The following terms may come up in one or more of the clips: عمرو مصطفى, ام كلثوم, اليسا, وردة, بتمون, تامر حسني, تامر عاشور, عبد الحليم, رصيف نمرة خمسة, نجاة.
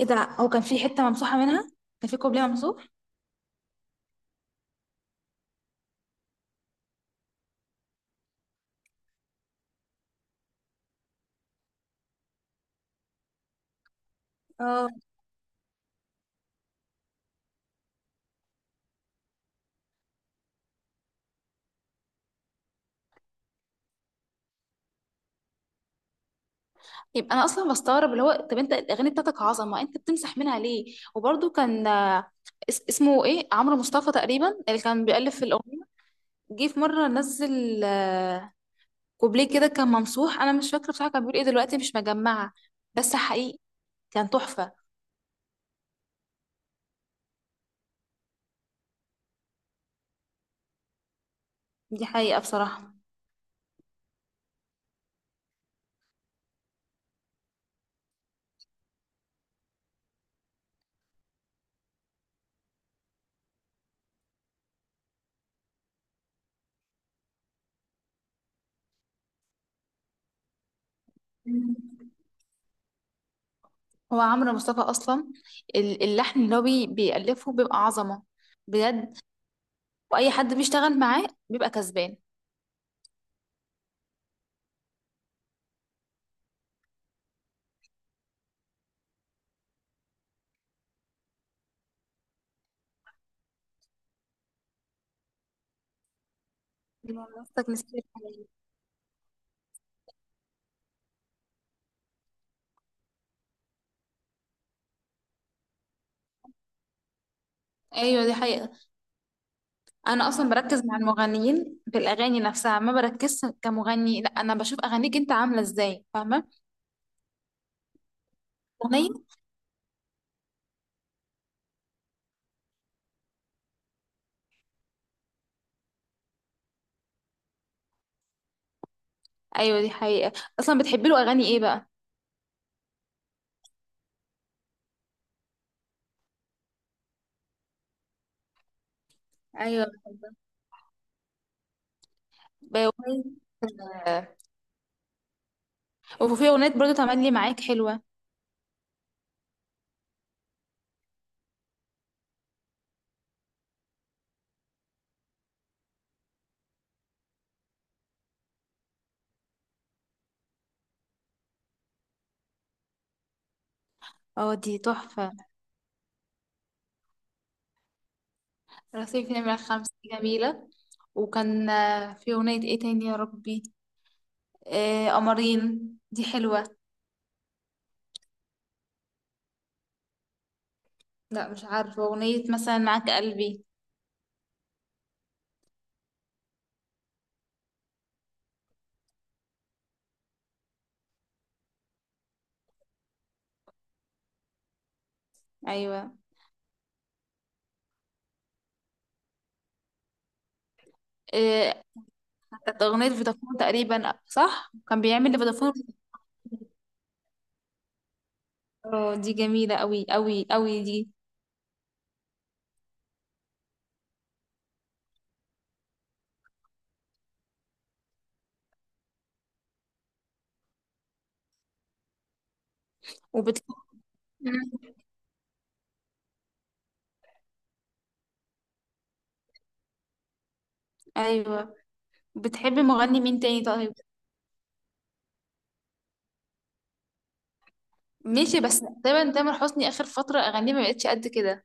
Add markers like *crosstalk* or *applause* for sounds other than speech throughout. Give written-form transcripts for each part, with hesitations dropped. ايه ده؟ هو كان في حته ممسوحه منها. كان في كوبليه ممسوح. اه، يبقى انا اصلا بستغرب، اللي هو طب انت الاغاني بتاعتك عظمه، انت بتمسح منها ليه؟ وبرده كان اسمه ايه؟ عمرو مصطفى تقريبا اللي كان بيألف في الاغنيه. جه في مره نزل كوبليه كده كان ممسوح. انا مش فاكره بصراحه، كان بيقول ايه دلوقتي، مش مجمعه. بس حقيقي كان تحفه. دي حقيقه بصراحه. مم. هو عمرو مصطفى اصلا، اللحن اللي هو بيألفه بيبقى عظمه، بجد. واي حد بيشتغل معاه بيبقى كسبان. منصتك نسيت الحنين. ايوه دي حقيقة. انا اصلا بركز مع المغنيين في الاغاني نفسها، ما بركزش كمغني. لا انا بشوف اغانيك انت عاملة ازاي، فاهمة؟ اغنية. ايوه دي حقيقة. اصلا بتحبي له اغاني ايه بقى؟ ايوه بأغنية آه، وفي اغنية برضو تملي معاك حلوة. اه دي تحفة. رصيف نمرة خمسة دي جميلة. وكان في اغنية ايه تاني يا ربي؟ قمرين دي حلوة. لا مش عارفة، اغنية مثلا معاك قلبي. ايوه. آه، كانت أغنية فودافون تقريبا، صح؟ كان بيعمل لفودافون. اه دي جميلة أوي أوي أوي دي. وبت... أيوة. بتحبي مغني مين تاني طيب؟ ماشي، بس تقريبا تامر حسني آخر فترة أغانيه ما بقتش قد كده.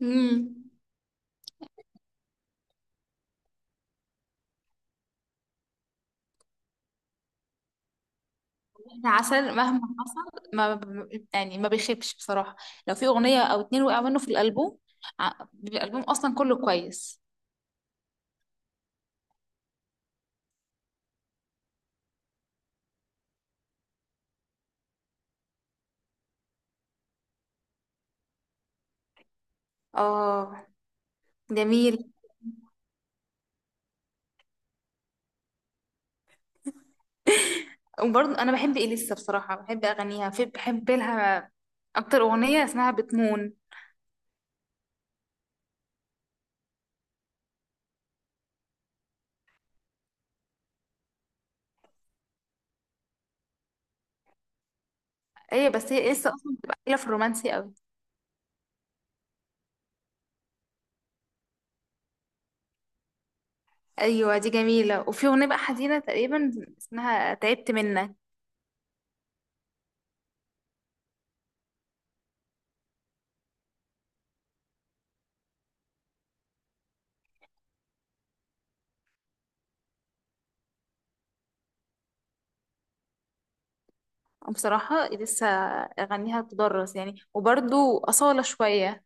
امم عسل، مهما حصل ما ب- يعني ما بيخيبش بصراحة. لو في أغنية أو اتنين وقع منه في الألبوم، بيبقى الألبوم أصلا كله كويس. اه. جميل. وبرضه انا بحب اليسا، بصراحه بحب اغانيها، في بحب لها اكتر اغنيه اسمها بتمون. ايوه بس هي لسه اصلا بتبقى قليله في الرومانسي قوي. ايوه دي جميله، وفي اغنيه بقى حزينه تقريبا اسمها تعبت منك. بصراحه لسه اغانيها تدرس يعني. وبرضه اصاله شويه.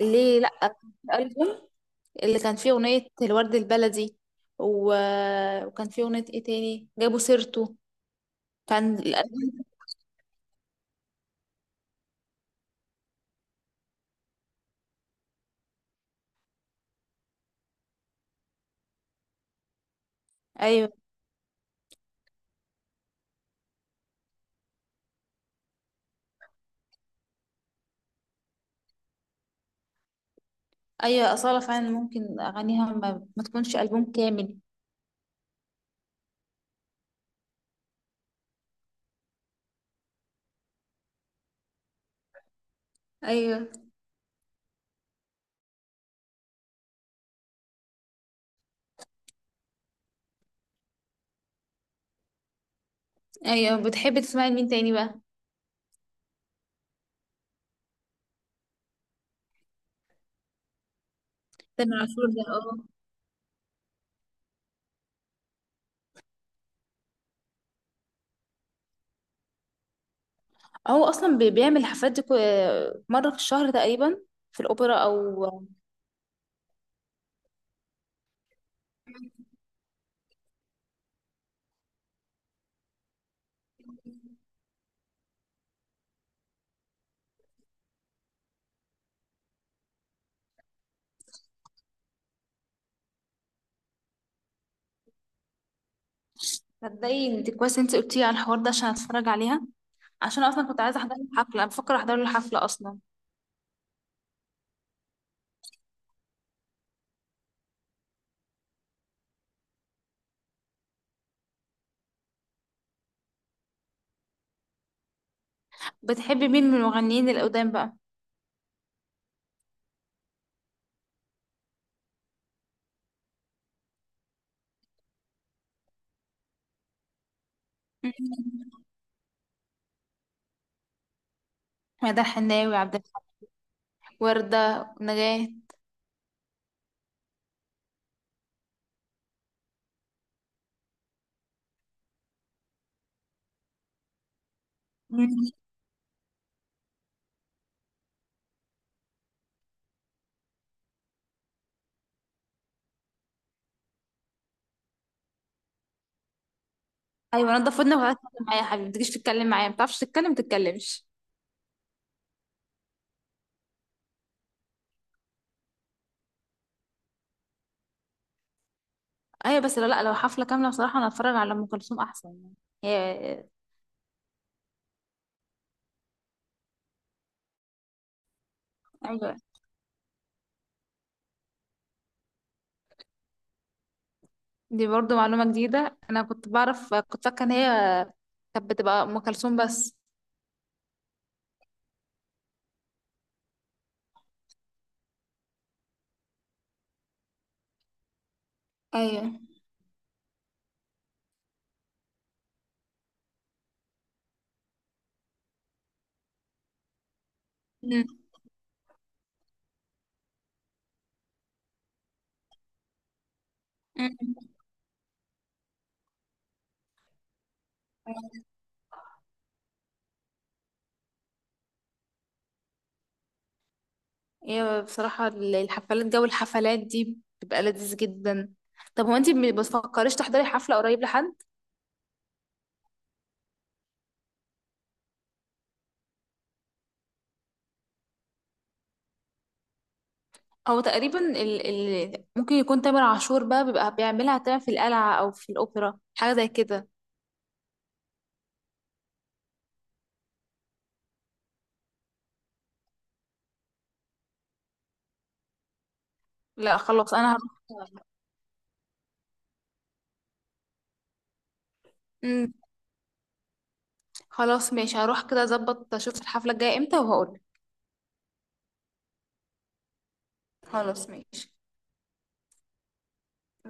ليه لا؟ الالبوم اللي كان فيه اغنيه الورد البلدي، و... وكان فيه اغنيه ايه تاني، جابوا سيرته. كان الالبوم. ايوه. ايوه اصاله فعلا ممكن اغانيها ما تكونش البوم كامل. ايوه. ايوه بتحبي تسمعي لمين تاني بقى؟ تامر عاشور ده؟ اه هو اصلا بيعمل حفلات، دي مره في الشهر تقريبا، في الاوبرا او. تصدقي انت كويس انت قلتي على الحوار ده عشان اتفرج عليها. عشان اصلا كنت عايزه احضر له حفله، بفكر احضر له حفله اصلا. بتحبي مين من المغنيين القدام بقى؟ *laughs* مدى الحناوي، عبد الحليم، وردة، نجاة. *laughs* مم. ايوه نضف ودنك وتعالى اتكلم معايا يا حبيبي، ما تجيش تتكلم معايا ما بتعرفش تتكلم، ما تتكلمش. ايوه بس لا، لو حفله كامله بصراحه انا اتفرج على ام كلثوم احسن يعني، هي. ايوه دي برضو معلومه جديده، انا كنت بعرف، كنت فاكره ان هي كانت بتبقى ام كلثوم بس. ايوه. مم. مم. هي بصراحه الحفلات، جو الحفلات دي بتبقى لذيذ جدا. طب هو انتي ما بتفكريش تحضري حفله قريب لحد؟ هو تقريبا ممكن يكون تامر عاشور بقى بيبقى بيعملها تمام في القلعه او في الاوبرا حاجه زي كده. لا خلاص، انا هروح. خلاص ماشي، هروح كده، اظبط اشوف الحفلة الجاية امتى وهقولك. خلاص ماشي.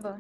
باي.